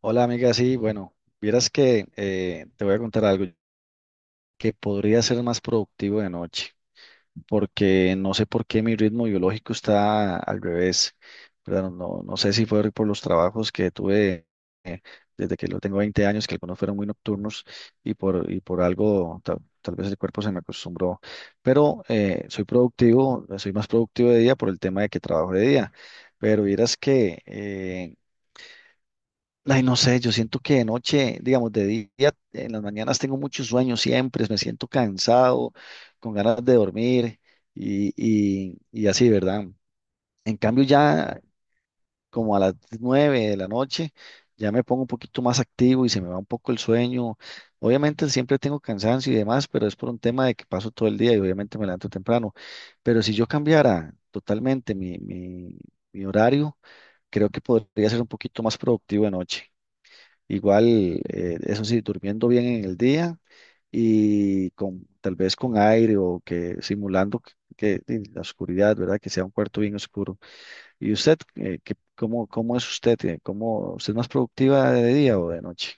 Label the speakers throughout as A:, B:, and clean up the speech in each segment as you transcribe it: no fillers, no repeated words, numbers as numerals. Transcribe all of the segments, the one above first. A: Hola amiga, sí, bueno, vieras que te voy a contar algo que podría ser más productivo de noche, porque no sé por qué mi ritmo biológico está al revés, ¿verdad? No, no sé si fue por los trabajos que tuve, eh, desde que lo tengo 20 años, que algunos fueron muy nocturnos y por algo tal vez el cuerpo se me acostumbró, pero soy productivo, soy más productivo de día por el tema de que trabajo de día, pero vieras que ay, no sé, yo siento que de noche, digamos, de día, en las mañanas tengo muchos sueños siempre, me siento cansado, con ganas de dormir y, y así, ¿verdad? En cambio, ya como a las 9 de la noche, ya me pongo un poquito más activo y se me va un poco el sueño. Obviamente siempre tengo cansancio y demás, pero es por un tema de que paso todo el día y obviamente me levanto temprano. Pero si yo cambiara totalmente mi horario, creo que podría ser un poquito más productivo de noche. Igual, eso sí, durmiendo bien en el día y con tal vez con aire o que simulando y la oscuridad, ¿verdad? Que sea un cuarto bien oscuro. ¿Y usted, cómo es usted? ¿Usted es más productiva de día o de noche?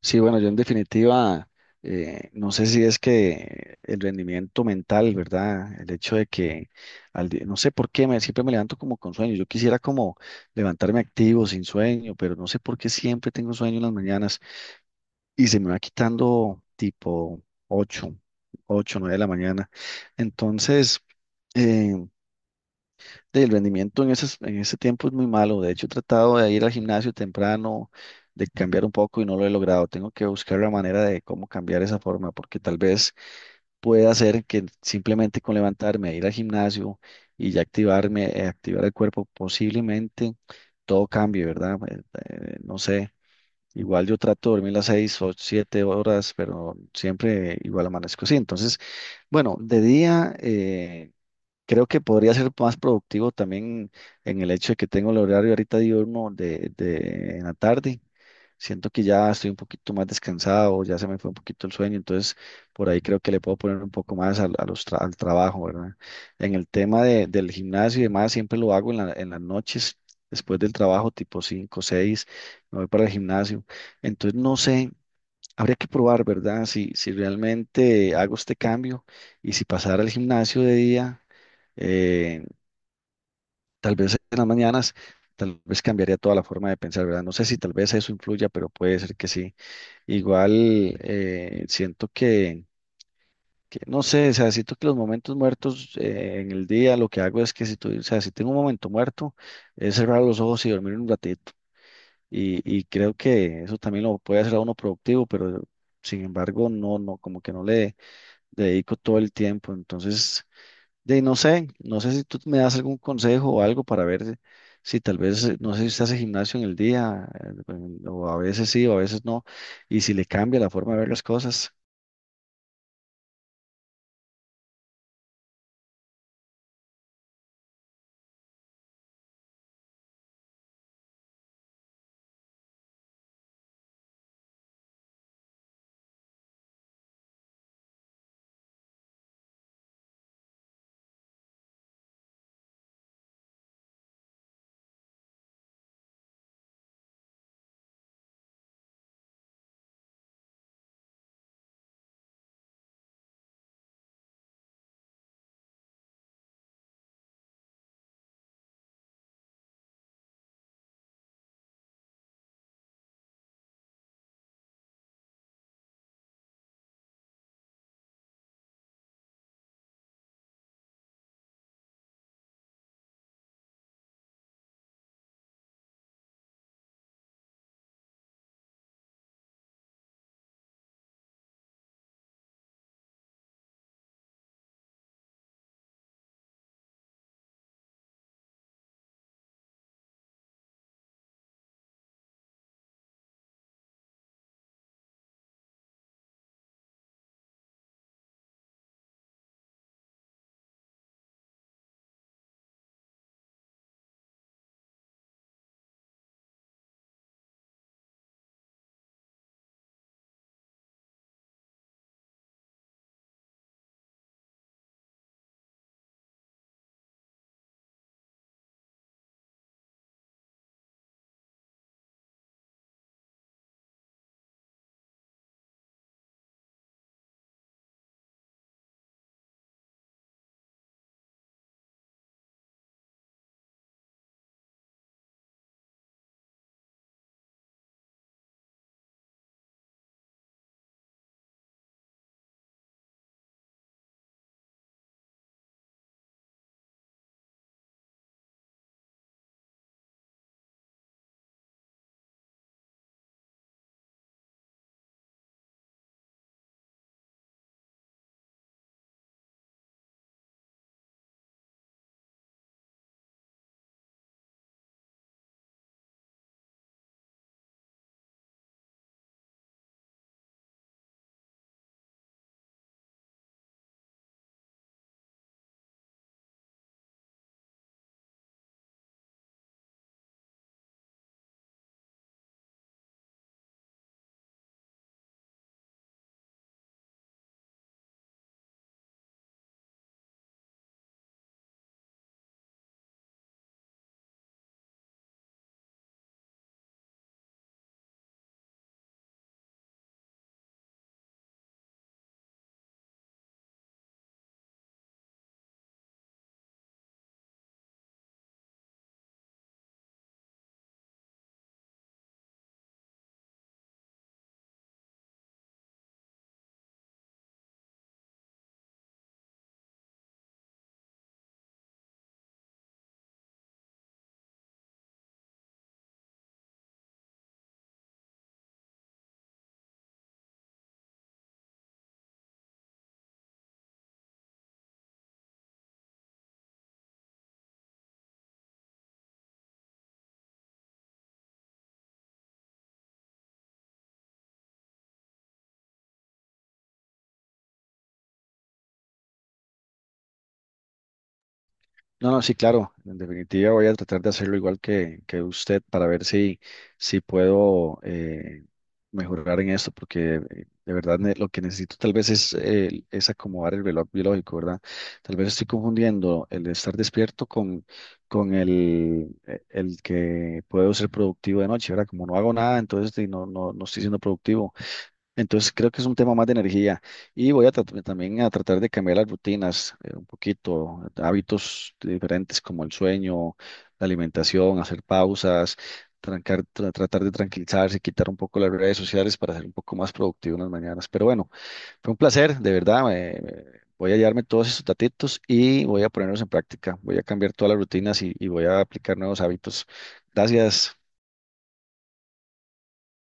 A: Sí, bueno, yo en definitiva, no sé si es que el rendimiento mental, ¿verdad? El hecho de que, no sé por qué, siempre me levanto como con sueño. Yo quisiera como levantarme activo, sin sueño, pero no sé por qué siempre tengo sueño en las mañanas, y se me va quitando tipo 8 8 9 de la mañana. Entonces, eh, el rendimiento en ese tiempo es muy malo. De hecho, he tratado de ir al gimnasio temprano, de cambiar un poco y no lo he logrado. Tengo que buscar la manera de cómo cambiar esa forma, porque tal vez pueda hacer que simplemente con levantarme, ir al gimnasio y ya activarme, activar el cuerpo, posiblemente todo cambie, ¿verdad? No sé. Igual yo trato de dormir las 6 o 7 horas, pero siempre igual amanezco así. Entonces, bueno, de día creo que podría ser más productivo también en el hecho de que tengo el horario ahorita diurno de en la tarde. Siento que ya estoy un poquito más descansado, ya se me fue un poquito el sueño, entonces por ahí creo que le puedo poner un poco más al trabajo, ¿verdad? En el tema del gimnasio y demás, siempre lo hago en las noches, después del trabajo, tipo 5 6 me voy para el gimnasio. Entonces no sé, habría que probar, ¿verdad? Si realmente hago este cambio y si pasara al gimnasio de día, eh, tal vez en las mañanas, tal vez cambiaría toda la forma de pensar, ¿verdad? No sé si tal vez eso influya, pero puede ser que sí. Igual siento que no sé, o sea, siento que los momentos muertos en el día, lo que hago es que o sea, si tengo un momento muerto, es cerrar los ojos y dormir un ratito. Y creo que eso también lo puede hacer a uno productivo, pero sin embargo, no, no, como que no le dedico todo el tiempo. Entonces, no sé, no sé si tú me das algún consejo o algo para ver si tal vez, no sé si estás en gimnasio en el día, o a veces sí, o a veces no, y si le cambia la forma de ver las cosas. No, no, sí, claro. En definitiva, voy a tratar de hacerlo igual que usted para ver si, puedo mejorar en esto, porque de verdad lo que necesito tal vez es acomodar el reloj biológico, ¿verdad? Tal vez estoy confundiendo el estar despierto con, con el que puedo ser productivo de noche, ¿verdad? Como no hago nada, entonces sí, no, no, no estoy siendo productivo. Entonces creo que es un tema más de energía y voy a también a tratar de cambiar las rutinas un poquito, hábitos diferentes como el sueño, la alimentación, hacer pausas, tratar de tranquilizarse, quitar un poco las redes sociales para ser un poco más productivo en las mañanas. Pero bueno, fue un placer, de verdad. Voy a llevarme todos estos datitos y voy a ponerlos en práctica. Voy a cambiar todas las rutinas y voy a aplicar nuevos hábitos. Gracias.